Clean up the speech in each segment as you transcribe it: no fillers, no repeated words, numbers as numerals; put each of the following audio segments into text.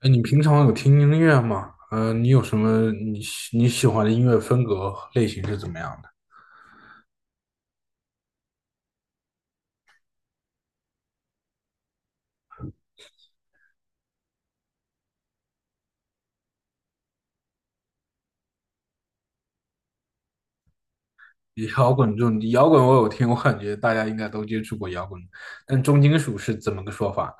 哎，你平常有听音乐吗？嗯，你有什么你喜欢的音乐风格和类型是怎么样的？这种摇滚我有听，我感觉大家应该都接触过摇滚，但重金属是怎么个说法呢？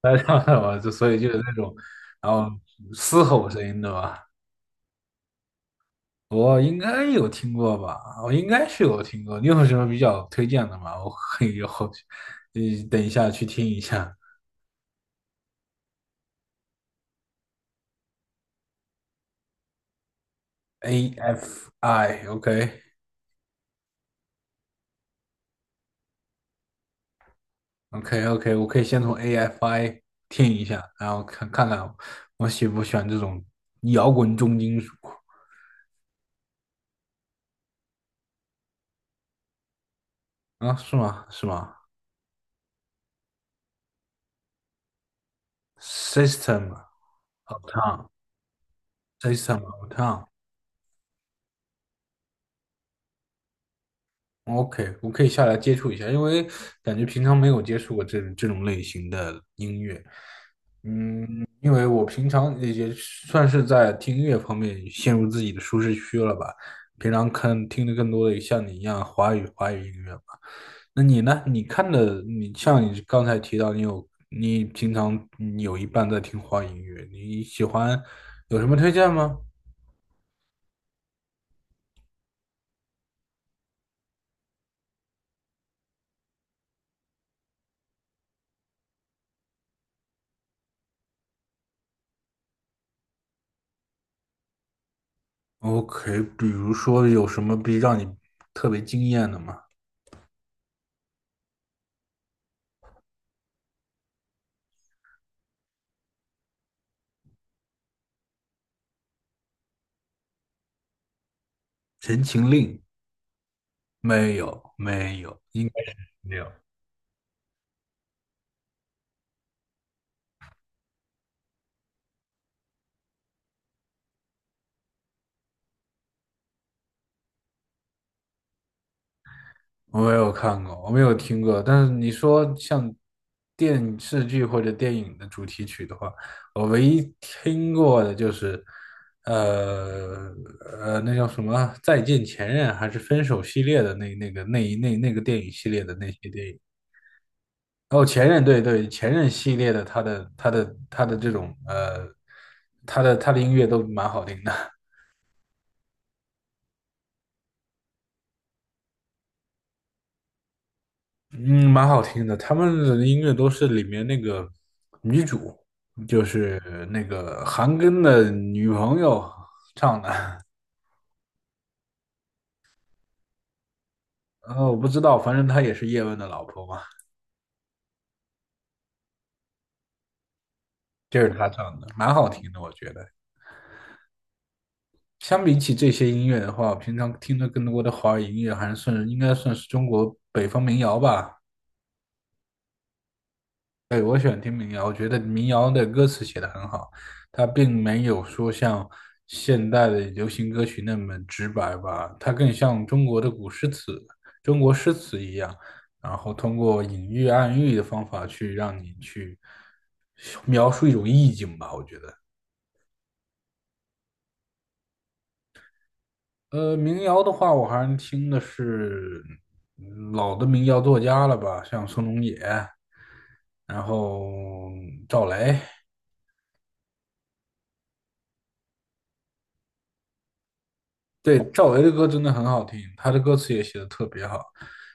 大家知道吧？所以有那种，然后嘶吼声音的吧，我应该有听过吧？我应该是有听过。你有什么比较推荐的吗？我可以后，呃，等一下去听一下 AFI，OK。AFI，OK，OK OK，我可以先从 AFI 听一下，然后看看我喜不喜欢这种摇滚重金属。啊？是吗？是吗？System of Town，System of Town，OK，我可以下来接触一下，因为感觉平常没有接触过这种类型的音乐，因为我平常也算是在听音乐方面陷入自己的舒适区了吧，平常看听的更多的像你一样华语音乐。那你呢？你看的，像你刚才提到，你平常你有一半在听花语音乐，你喜欢有什么推荐吗？OK，比如说有什么让你特别惊艳的吗？《陈情令》？没有，没有，应该没有。我没有看过，我没有听过。但是你说像电视剧或者电影的主题曲的话，我唯一听过的就是，呃那叫什么《再见前任》还是《分手》系列的那那个那一那那个电影系列的那些电影。哦，前任，对对，前任系列的，他的这种他的音乐都蛮好听的。嗯，蛮好听的。他们的音乐都是里面那个女主，就是那个韩庚的女朋友唱的。我不知道，反正她也是叶问的老婆嘛，就是她唱的，蛮好听的。我觉得，相比起这些音乐的话，我平常听的更多的华语音乐还是算应该算是中国北方民谣吧。对，我喜欢听民谣，我觉得民谣的歌词写得很好，它并没有说像现代的流行歌曲那么直白吧，它更像中国的古诗词、中国诗词一样，然后通过隐喻、暗喻的方法去让你去描述一种意境吧，我觉得。民谣的话，我还是听的是老的民谣作家了吧，像宋冬野，然后赵雷。对，赵薇的歌真的很好听，她的歌词也写的特别好，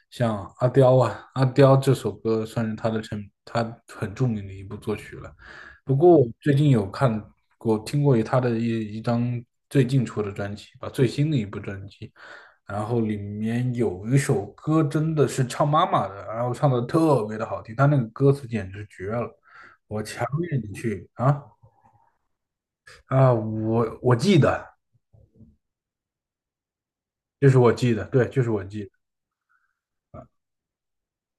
像《阿刁》啊，《阿刁》这首歌算是她很著名的一部作曲了。不过我最近有看过、听过她的一张最近出的专辑吧，最新的一部专辑，然后里面有一首歌真的是唱妈妈的，然后唱的特别的好听，他那个歌词简直绝了，我强烈你去啊！啊，我记得，就是我记得，对，就是我记得。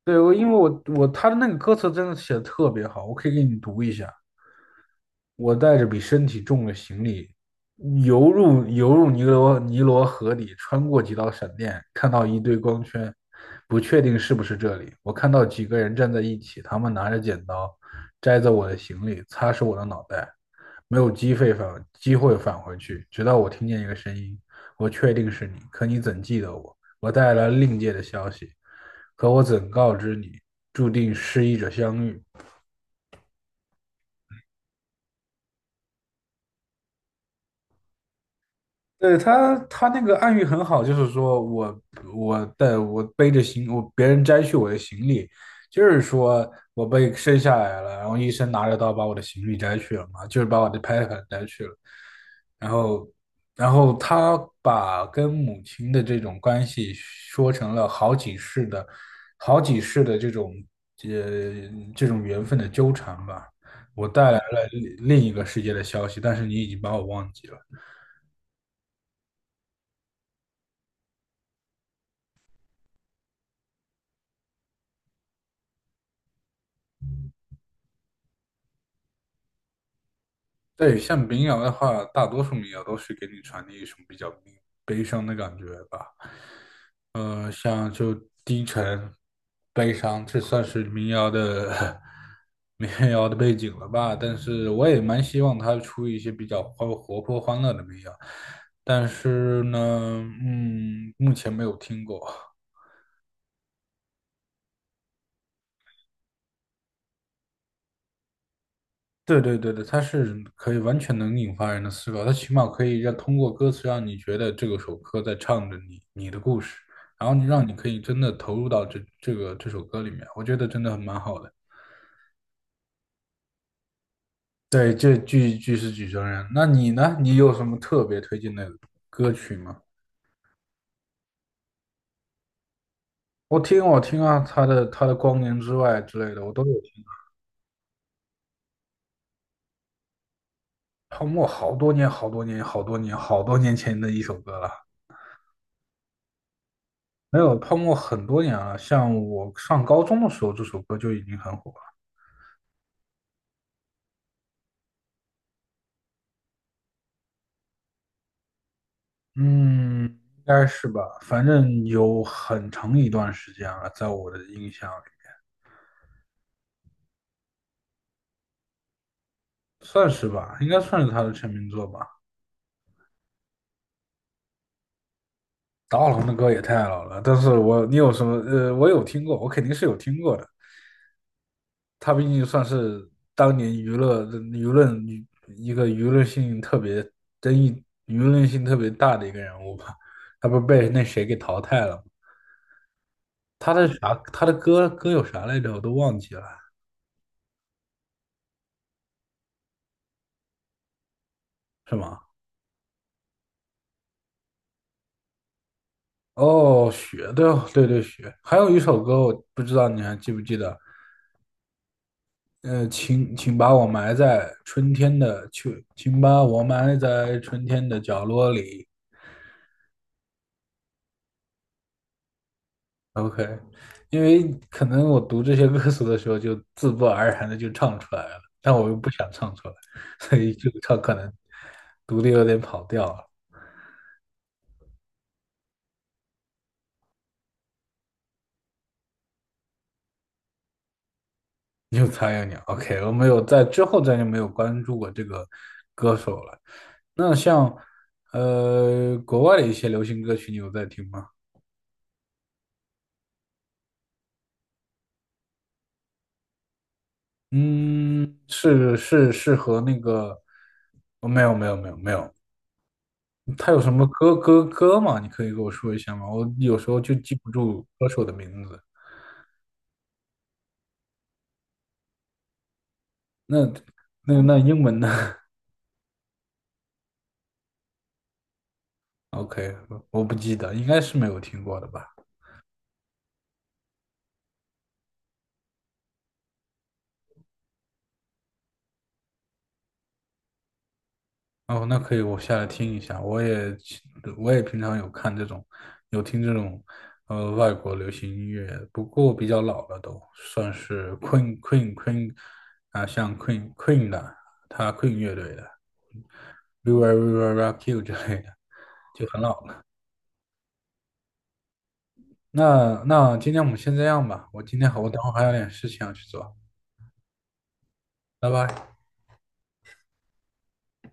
对，因为他的那个歌词真的写的特别好，我可以给你读一下。我带着比身体重的行李，游入尼罗河里，穿过几道闪电，看到一堆光圈，不确定是不是这里。我看到几个人站在一起，他们拿着剪刀，摘走我的行李，擦拭我的脑袋。没有机会返回去，直到我听见一个声音，我确定是你，可你怎记得我？我带来了另界的消息，可我怎告知你，注定失意者相遇。对他，他那个暗喻很好，就是说我别人摘去我的行李，就是说我被生下来了，然后医生拿着刀把我的行李摘去了嘛，就是把我的胎盘摘去了，然后然后他把跟母亲的这种关系说成了好几世的这种缘分的纠缠吧，我带来了另一个世界的消息，但是你已经把我忘记了。对，像民谣的话，大多数民谣都是给你传递一种比较悲伤的感觉吧。像就低沉、悲伤，这算是民谣的 民谣的背景了吧？但是我也蛮希望他出一些比较欢活泼、欢乐的民谣，但是呢，嗯，目前没有听过。对对对对，它是可以完全能引发人的思考，它起码可以通过歌词让你觉得这个首歌在唱着你的故事，然后让你可以真的投入到这首歌里面，我觉得真的蛮好的。对，这句是举证人。那你呢？你有什么特别推荐的歌曲吗？我听啊，他的《光年之外》之类的，我都有听。泡沫好多年好多年好多年好多年前的一首歌了。没有，泡沫很多年了，像我上高中的时候，这首歌就已经很火。嗯，应该是吧，反正有很长一段时间了，在我的印象里，算是吧，应该算是他的成名作吧。达瓦的歌也太老了，但是你有什么？我有听过，我肯定是有听过的。他毕竟算是当年娱乐舆论一个舆论性特别争议、舆论性特别大的一个人物吧。他不是被那谁给淘汰了吗？他的啥？他的歌有啥来着？我都忘记了，是吗？哦，雪，对哦，对对，雪。还有一首歌，我不知道你还记不记得？请把我埋在春天的秋，请把我埋在春天的角落里。OK，因为可能我读这些歌词的时候，就自不而然的就唱出来了，但我又不想唱出来，所以可能读的有点跑调。有苍蝇你 OK 我没有在之后再就没有关注过这个歌手了。那像国外的一些流行歌曲，你有在听吗？嗯，是是是和那个，哦没有没有没有没有，他有什么歌吗？你可以给我说一下吗？我有时候就记不住歌手的名字。那那英文呢 ？OK，我不记得，应该是没有听过的吧。哦，那可以，我下来听一下。我也平常有看这种，有听这种，外国流行音乐，不过比较老了都，算是 Queen 啊，像 Queen 的，他 Queen 乐队的，We w i l e Rock You 之类的，就很老了。那今天我们先这样吧，我今天我等会儿还有点事情要去做，拜拜。